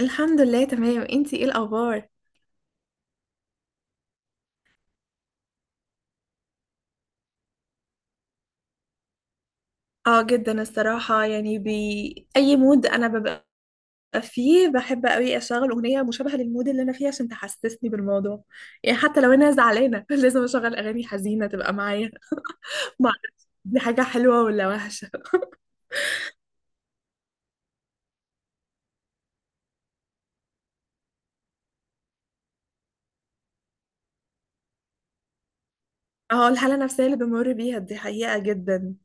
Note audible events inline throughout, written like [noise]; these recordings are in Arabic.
الحمد لله تمام، انتي ايه الاخبار؟ اه، جدا الصراحة، يعني بأي مود انا ببقى فيه بحب قوي اشغل اغنية مشابهة للمود اللي انا فيه، عشان تحسسني بالموضوع. يعني حتى لو انا زعلانة [laughs] لازم اشغل اغاني حزينة تبقى معايا. [laughs] ما أعرف، دي حاجة حلوة ولا وحشة؟ اه، الحالة النفسية اللي بمر بيها دي حقيقة جدا.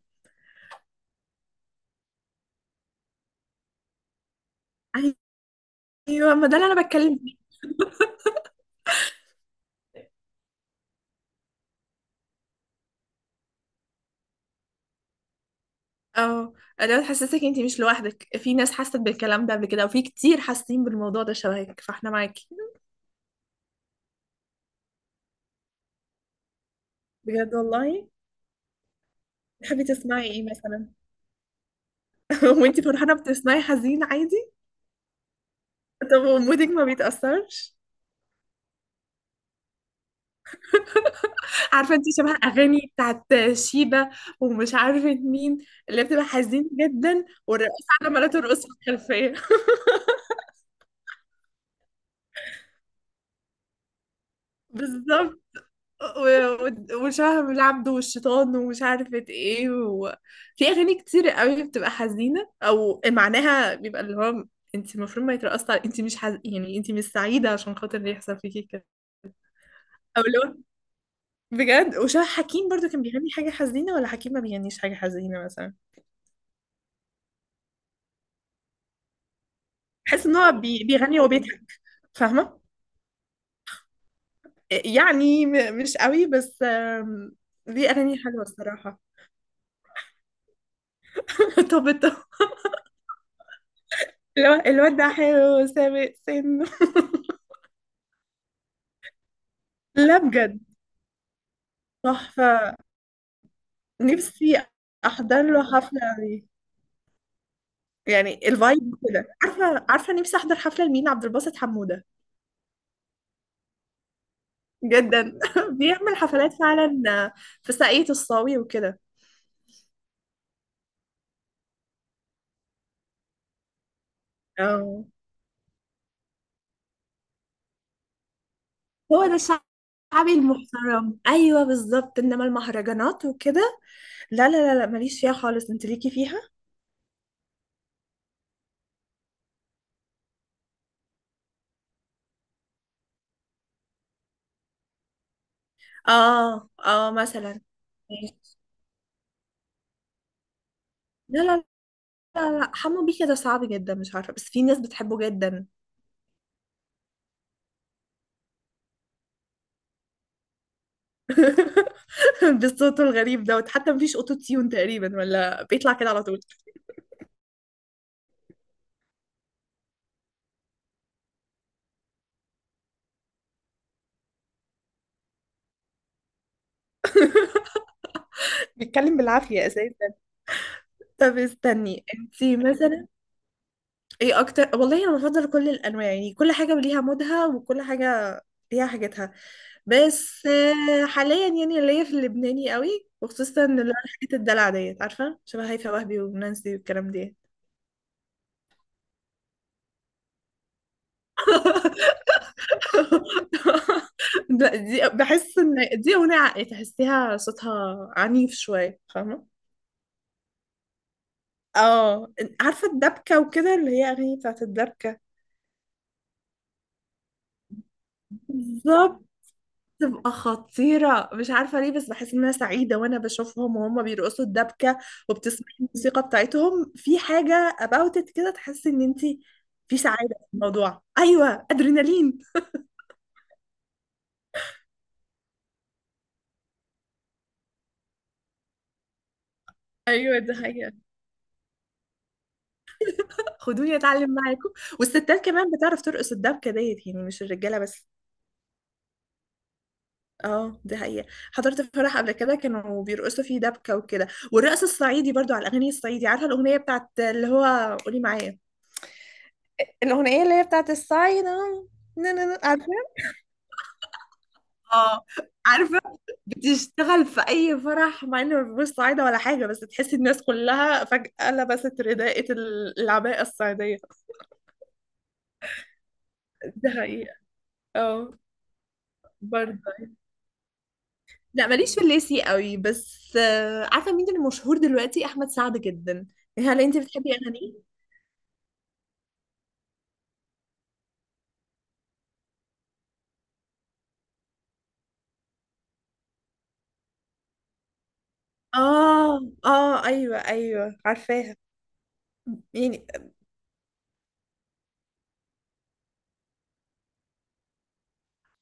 ايوه، ما ده اللي انا بتكلم فيه. اه، لو تحسسك انتي مش لوحدك، في ناس حست بالكلام ده قبل كده، وفي كتير حاسين بالموضوع ده شبهك، فاحنا معاكي. بجد والله. بتحبي تسمعي ايه مثلا؟ [laughs] وانتي فرحانه بتسمعي حزين عادي؟ طب ومودك ما بيتأثرش؟ [laughs] عارفه انتي شبه اغاني بتاعت شيبة، ومش عارفه مين، اللي بتبقى حزين جدا والرقاصه عماله ترقص في الخلفيه. [laughs] بالظبط. وشهم العبد والشيطان ومش عارفة ايه. في أغاني كتير قوي بتبقى حزينة أو معناها بيبقى اللي هو، انت المفروض ما يترقصش على، انت مش يعني انت مش سعيدة عشان خاطر اللي يحصل فيكي كده، أو اللي هو. بجد وشاه حكيم برضو كان بيغني حاجة حزينة، ولا حكيم ما بيغنيش حاجة حزينة مثلا؟ بحس ان هو بيغني وهو بيضحك، فاهمة؟ يعني مش قوي بس. ليه أغاني حلوة الصراحة. [laughs] طب، طب. الواد ده حلو سابق سنه. [laughs] لا، بجد، تحفة، نفسي أحضر له حفلة عليه. يعني الفايب كده، عارفة؟ عارفة، نفسي أحضر حفلة لمين؟ عبد الباسط حمودة جدا. [laughs] بيعمل حفلات فعلا في ساقية الصاوي وكده. آه. هو ده الشعبي المحترم، ايوه بالظبط، انما المهرجانات وكده، لا، لا، لا، لا، ماليش فيها خالص، انت ليكي فيها. اه، اه، مثلا. ماشي. لا، لا، لا، لا، حمو بيكا ده صعب جدا، مش عارفه، بس في ناس بتحبه جدا. [laughs] بصوته الغريب دوت، حتى مفيش اوتو تيون تقريبا، ولا بيطلع كده على طول. بيتكلم بالعافيه اساسا. طب استني انت، مثلا ايه اكتر؟ والله انا بفضل كل الانواع، يعني كل حاجه وليها مودها وكل حاجه ليها حاجتها، بس حاليا يعني ليا في اللبناني قوي، وخصوصا اللي هو الحاجات الدلع ديت، عارفه؟ شبه هيفاء وهبي ونانسي والكلام دي. [laughs] لا، دي بحس ان دي اغنيه عقل، تحسيها صوتها عنيف شويه، فاهمه؟ اه، عارفه الدبكه وكده، اللي هي اغاني بتاعت الدبكه. بالظبط، تبقى خطيرة، مش عارفة ليه، بس بحس إن أنا سعيدة وأنا بشوفهم وهم بيرقصوا الدبكة، وبتسمعي الموسيقى بتاعتهم، في حاجة about it كده تحسي إن أنتي في سعادة في الموضوع. أيوة، أدرينالين. ايوه، دي حقيقة. خدوني أتعلم معاكم. والستات كمان بتعرف ترقص الدبكة ديت، يعني مش الرجالة بس. اه، دي حقيقة. حضرت فرح قبل كده، كانوا بيرقصوا فيه دبكة وكده، والرقص الصعيدي برضو على الأغاني الصعيدي، عارفة الأغنية بتاعت اللي هو قولي معايا، الأغنية اللي هي بتاعت الصعيدة. نا- نا- نا- اه، عارفه. بتشتغل في اي فرح، مع ان مفيش صعيده ولا حاجه، بس تحسي الناس كلها فجاه لبست رداءة العباءه الصعيديه. ده حقيقه. اه، برضه. لا، ماليش في الليسي قوي، بس عارفه مين اللي مشهور دلوقتي؟ احمد سعد جدا. هل انت بتحبي اغانيه؟ اه، اه، ايوه، ايوه، عارفاها، يعني.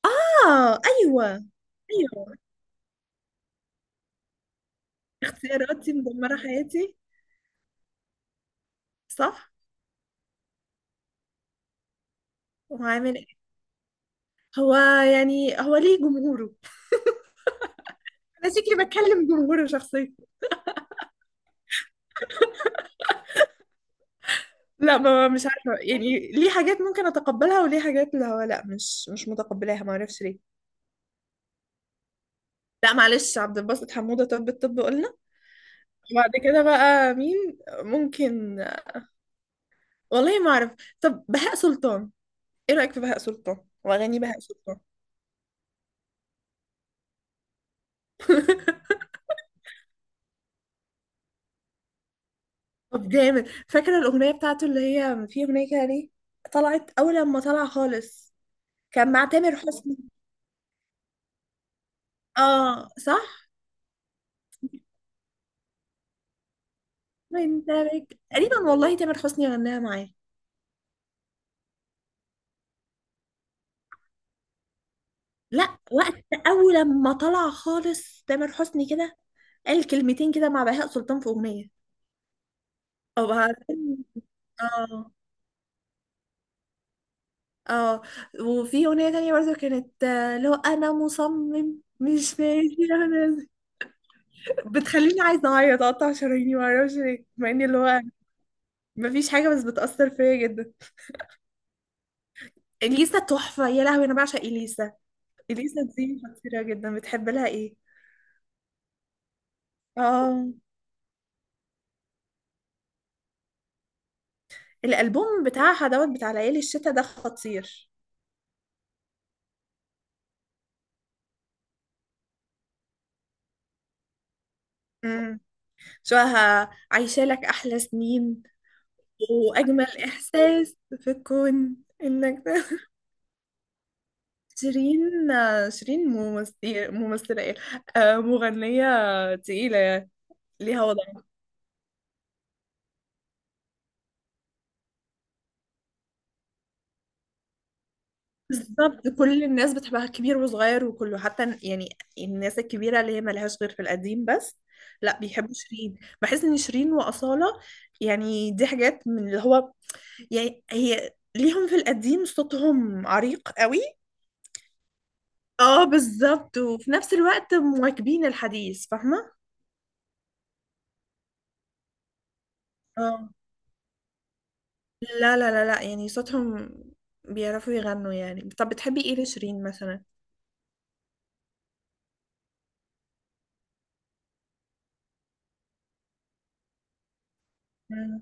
اه، ايوه، ايوه، اختياراتي مدمره حياتي، صح. وعامل ايه هو؟ يعني هو ليه جمهوره. انا شكلي بتكلم جمهور شخصيا. لا، ما مش عارفه يعني، ليه حاجات ممكن اتقبلها وليه حاجات اللي هو لا مش متقبلاها، ما اعرفش ليه. لا، معلش، عبد الباسط حموده طب الطب قلنا، بعد كده بقى مين؟ ممكن، والله ما اعرف. طب بهاء سلطان، ايه رايك في بهاء سلطان واغاني بهاء سلطان؟ [laughs] طب جامد، فاكره الاغنيه بتاعته؟ اللي هي في اغنيه كده، ليه طلعت اول لما طلع خالص، كان مع تامر حسني. اه، صح. انت تقريبا والله تامر حسني غناها معاه. لا، وقت اول ما طلع خالص تامر حسني كده، قال كلمتين كده مع بهاء سلطان في اغنيه. او بعدين- اه، اه، وفي اغنيه تانية برضه كانت لو انا مصمم مش ماشي انا. بتخليني عايزه اعيط، اقطع شراييني معرفش ليه، مع ان اللي هو مفيش حاجه، بس بتاثر فيا جدا. اليسا تحفه، يا لهوي انا بعشق اليسا. اليسا دي خطيره جدا، بتحب لها ايه؟ اه، الالبوم بتاعها دوت، بتاع ليالي الشتاء ده خطير. مم. شو عايشة لك أحلى سنين وأجمل إحساس في الكون إنك [laughs] ده. شيرين، شيرين ممثلة، ممثلة إيه؟ مغنية تقيلة يعني، ليها وضع. بالظبط، كل الناس بتحبها، كبير وصغير وكله، حتى يعني الناس الكبيرة اللي هي ملهاش غير في القديم بس، لا، بيحبوا شيرين، بحس إن شيرين وأصالة، يعني دي حاجات من اللي هو، يعني هي ليهم في القديم صوتهم عريق قوي. اه، بالظبط، وفي نفس الوقت مواكبين الحديث، فاهمة؟ اه، لا، لا، لا، لا، يعني صوتهم بيعرفوا يغنوا يعني. طب بتحبي ايه لشيرين مثلا؟ مم.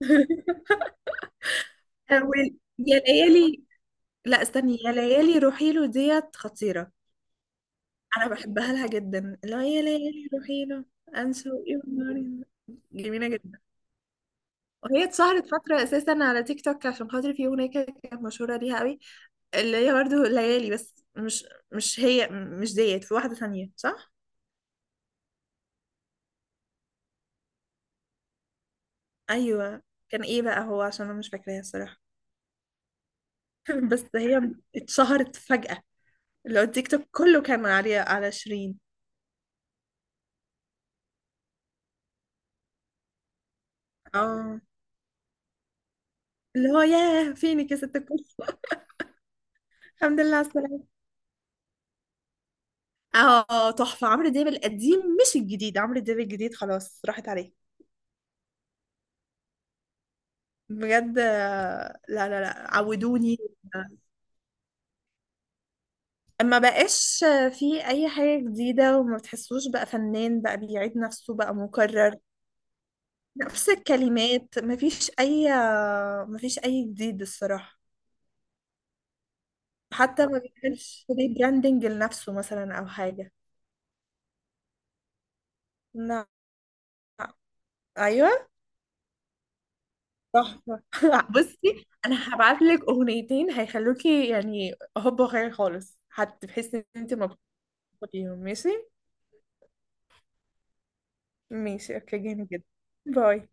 [laughs] أول- يا ليالي، لا استني، يا ليالي روحي له ديت خطيرة، انا بحبها لها جدا، لا يا ليالي روحي له، انسو ايه وناري، جميلة جدا. وهي اتشهرت فترة اساسا على تيك توك عشان خاطر في اغنية كده كانت مشهورة ليها قوي، اللي هي برضه ليالي، بس مش هي، مش ديت، في واحدة ثانية صح؟ أيوة. كان ايه بقى هو، عشان أنا مش فاكراها الصراحة. [laughs] بس هي اتشهرت فجأة، اللي هو التيك توك كله كان عليها، على شيرين. اه، اللي هو ياه فينك يا ست الكل. [laughs] الحمد لله على السلامة. اه، تحفة، عمرو دياب القديم مش الجديد، عمرو دياب الجديد خلاص راحت عليه. بجد، لا، لا، لا، عودوني. ما بقاش في اي حاجة جديدة وما بتحسوش، بقى فنان بقى بيعيد نفسه بقى مكرر، نفس الكلمات، ما فيش اي جديد الصراحة. حتى ما بيعملش ريبراندنج لنفسه مثلا او حاجة. لا، ايوه، تحفة. [laughs] بصي انا هبعت لك اغنيتين هيخلوكي، يعني هوب، وخير خالص هتحسي ان انت مبسوطة بيهم. ماشي، ماشي، اوكي، جامد جدا. باي.